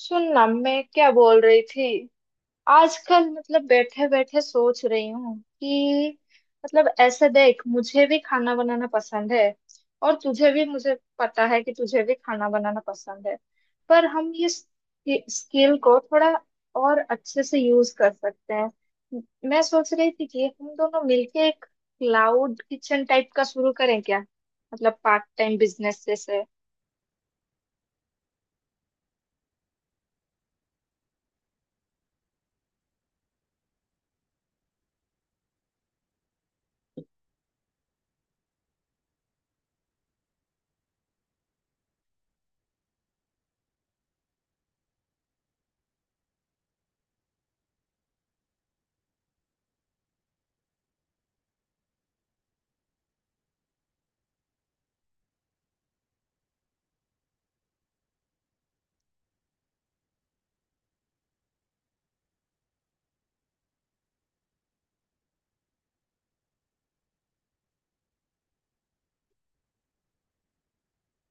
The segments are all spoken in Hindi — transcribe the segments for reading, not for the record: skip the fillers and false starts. सुन ना मैं क्या बोल रही थी। आजकल मतलब बैठे बैठे सोच रही हूँ कि मतलब ऐसे देख, मुझे भी खाना बनाना पसंद है और तुझे भी, मुझे पता है कि तुझे भी खाना बनाना पसंद है। पर हम ये स्किल को थोड़ा और अच्छे से यूज कर सकते हैं। मैं सोच रही थी कि हम दोनों मिलके एक क्लाउड किचन टाइप का शुरू करें क्या, मतलब पार्ट टाइम बिजनेस जैसे।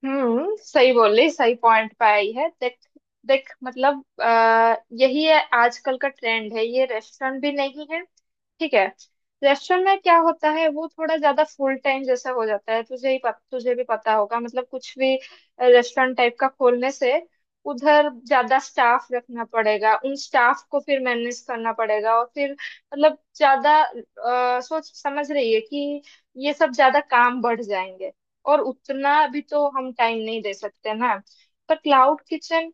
हम्म, सही बोली, सही पॉइंट पे आई है देख। देख मतलब यही है, आजकल का ट्रेंड है ये। रेस्टोरेंट भी नहीं है, ठीक है। रेस्टोरेंट में क्या होता है, वो थोड़ा ज्यादा फुल टाइम जैसा हो जाता है, तुझे भी पता होगा मतलब। कुछ भी रेस्टोरेंट टाइप का खोलने से उधर ज्यादा स्टाफ रखना पड़ेगा, उन स्टाफ को फिर मैनेज करना पड़ेगा, और फिर मतलब ज्यादा सोच समझ रही है कि ये सब ज्यादा काम बढ़ जाएंगे। और उतना भी तो हम टाइम नहीं दे सकते ना। पर क्लाउड किचन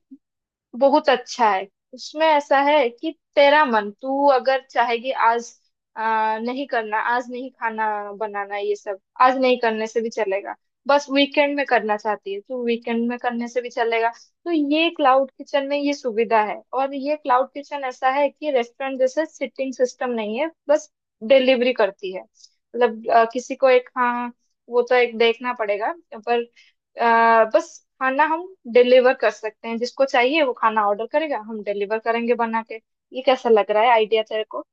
बहुत अच्छा है। उसमें ऐसा है कि तेरा मन, तू अगर चाहेगी आज नहीं करना, आज नहीं खाना बनाना ये सब, आज नहीं करने से भी चलेगा। बस वीकेंड में करना चाहती है तो वीकेंड में करने से भी चलेगा। तो ये क्लाउड किचन में ये सुविधा है। और ये क्लाउड किचन ऐसा है कि रेस्टोरेंट जैसे सिटिंग सिस्टम नहीं है, बस डिलीवरी करती है, मतलब किसी को एक, हाँ वो तो एक देखना पड़ेगा। पर बस खाना हम डिलीवर कर सकते हैं, जिसको चाहिए वो खाना ऑर्डर करेगा, हम डिलीवर करेंगे बना के। ये कैसा लग रहा है आइडिया तेरे को?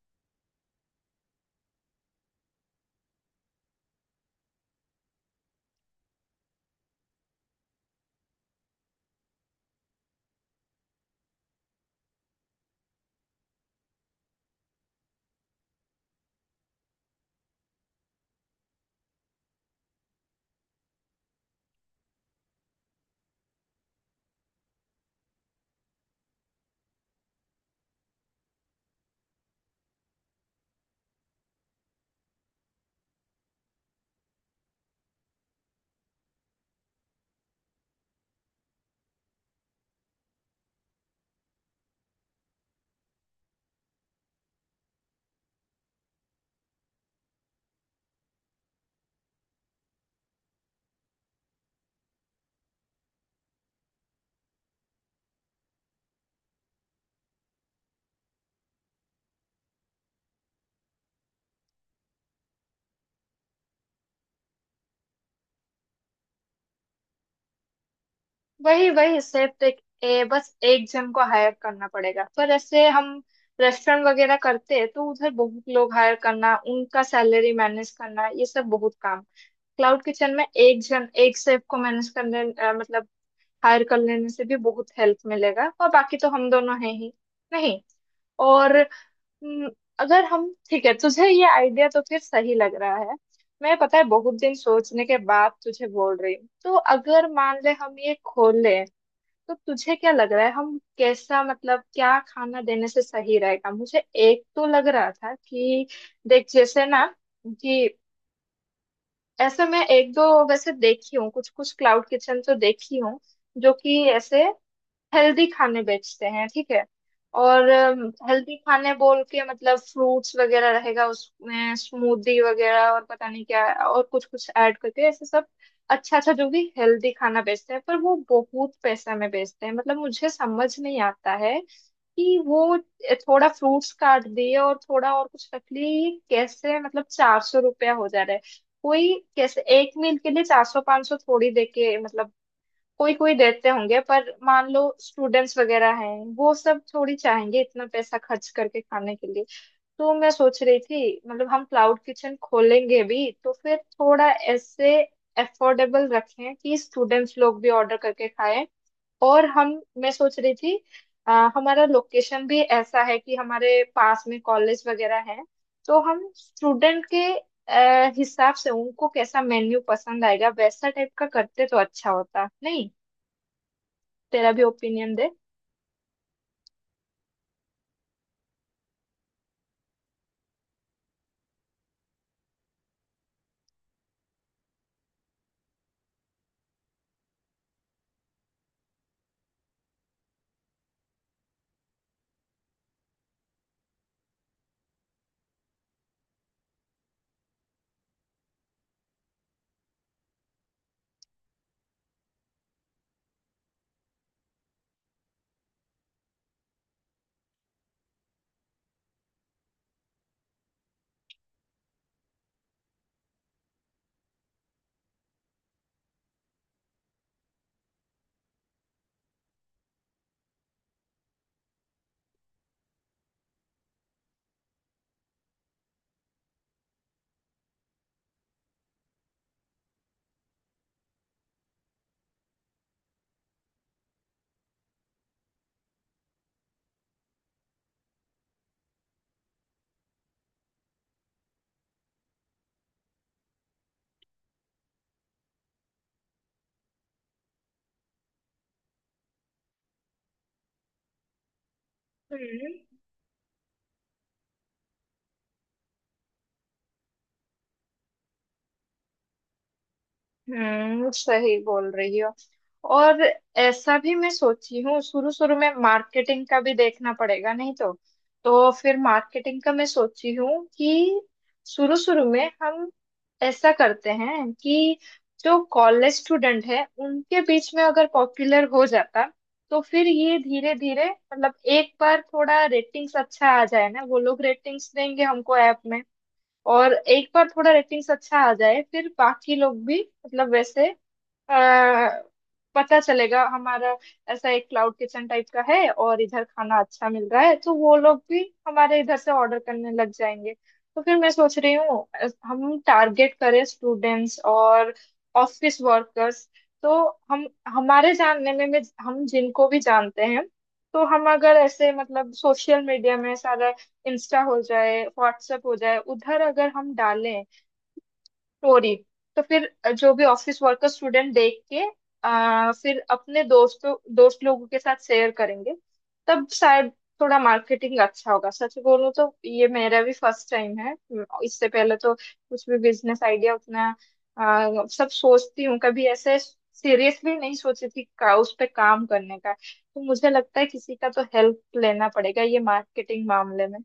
वही वही, सिर्फ बस एक जन को हायर करना पड़ेगा। पर ऐसे हम रेस्टोरेंट वगैरह करते हैं तो उधर बहुत लोग हायर करना, उनका सैलरी मैनेज करना, ये सब बहुत काम। क्लाउड किचन में एक जन, एक शेफ को मैनेज करने मतलब हायर कर लेने से भी बहुत हेल्प मिलेगा, और बाकी तो हम दोनों हैं ही। नहीं। और हम्म, अगर हम, ठीक है तुझे ये आइडिया तो फिर सही लग रहा है। मैं, पता है बहुत दिन सोचने के बाद तुझे बोल रही हूँ, तो अगर मान ले हम ये खोल लें, तो तुझे क्या लग रहा है, हम कैसा मतलब क्या खाना देने से सही रहेगा? मुझे एक तो लग रहा था कि देख जैसे ना कि ऐसे, मैं एक दो, वैसे देखी हूँ कुछ कुछ क्लाउड किचन तो देखी हूँ, जो कि ऐसे हेल्दी खाने बेचते हैं, ठीक है। और हेल्दी खाने बोल के मतलब फ्रूट्स वगैरह रहेगा उसमें, स्मूदी वगैरह, और पता नहीं क्या और कुछ कुछ ऐड करके ऐसे सब। अच्छा अच्छा, जो भी हेल्दी खाना बेचते हैं पर वो बहुत पैसा में बेचते हैं, मतलब मुझे समझ नहीं आता है कि वो थोड़ा फ्रूट्स काट दिए और थोड़ा और कुछ रख लिए, ये कैसे मतलब चार सौ रुपया हो जा रहा है? कोई कैसे एक मील के लिए चार सौ पाँच सौ थोड़ी देके, मतलब कोई कोई देते होंगे, पर मान लो स्टूडेंट्स वगैरह हैं, वो सब थोड़ी चाहेंगे इतना पैसा खर्च करके खाने के लिए। तो मैं सोच रही थी, मतलब हम क्लाउड किचन खोलेंगे भी तो फिर थोड़ा ऐसे अफोर्डेबल रखें कि स्टूडेंट्स लोग भी ऑर्डर करके खाएं। और हम, मैं सोच रही थी अ, हमारा लोकेशन भी ऐसा है कि हमारे पास में कॉलेज वगैरह है। तो हम स्टूडेंट के हिसाब से उनको कैसा मेन्यू पसंद आएगा वैसा टाइप का करते तो अच्छा होता, नहीं? तेरा भी ओपिनियन दे। हम्म, हम्म, सही बोल रही हो। और ऐसा भी मैं सोची हूँ, शुरू शुरू में मार्केटिंग का भी देखना पड़ेगा नहीं तो। तो फिर मार्केटिंग का मैं सोची हूँ कि शुरू शुरू में हम ऐसा करते हैं कि जो कॉलेज स्टूडेंट है उनके बीच में अगर पॉपुलर हो जाता, तो फिर ये धीरे धीरे मतलब एक बार थोड़ा रेटिंग्स अच्छा आ जाए ना, वो लोग रेटिंग्स देंगे हमको ऐप में। और एक बार थोड़ा रेटिंग्स अच्छा आ जाए फिर बाकी लोग भी, मतलब वैसे अ, पता चलेगा हमारा ऐसा एक क्लाउड किचन टाइप का है और इधर खाना अच्छा मिल रहा है, तो वो लोग भी हमारे इधर से ऑर्डर करने लग जाएंगे। तो फिर मैं सोच रही हूँ, हम टारगेट करें स्टूडेंट्स और ऑफिस वर्कर्स। तो हम, हमारे जानने में, हम जिनको भी जानते हैं, तो हम अगर ऐसे मतलब सोशल मीडिया में सारा, इंस्टा हो जाए, व्हाट्सएप हो जाए, उधर अगर हम डालें स्टोरी, तो फिर जो भी ऑफिस वर्कर स्टूडेंट देख के फिर अपने दोस्तों दोस्त लोगों के साथ शेयर करेंगे। तब शायद थोड़ा मार्केटिंग अच्छा होगा। सच बोलूं तो ये मेरा भी फर्स्ट टाइम है। इससे पहले तो कुछ भी बिजनेस आइडिया उतना सब सोचती हूँ कभी ऐसे, सीरियसली नहीं सोची थी उस पे काम करने का। तो मुझे लगता है किसी का तो हेल्प लेना पड़ेगा ये मार्केटिंग मामले में।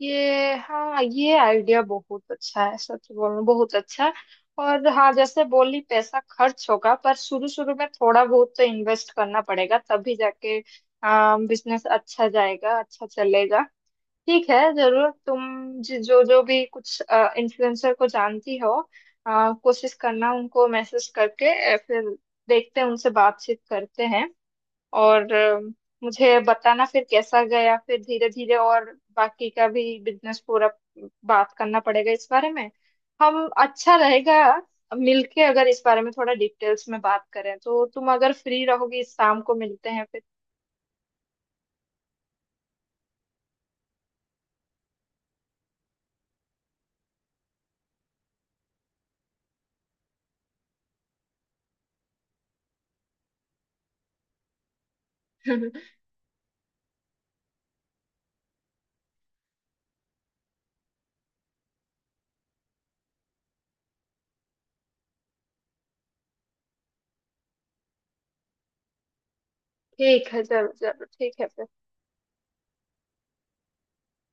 ये, हाँ ये आइडिया बहुत अच्छा है, सच बोलूं बहुत अच्छा। और हाँ, जैसे बोली पैसा खर्च होगा, पर शुरू शुरू में थोड़ा बहुत तो इन्वेस्ट करना पड़ेगा तभी जाके बिजनेस अच्छा जाएगा, अच्छा चलेगा। ठीक है, जरूर। तुम जो जो भी कुछ इन्फ्लुएंसर को जानती हो, कोशिश करना उनको मैसेज करके, फिर देखते हैं, उनसे बातचीत करते हैं। और मुझे बताना फिर कैसा गया। फिर धीरे धीरे और बाकी का भी बिजनेस पूरा बात करना पड़ेगा इस बारे में। हम, अच्छा रहेगा मिलके अगर इस बारे में थोड़ा डिटेल्स में बात करें, तो तुम अगर फ्री रहोगी शाम को मिलते हैं फिर। ठीक है, जरूर जरूर, ठीक है फिर।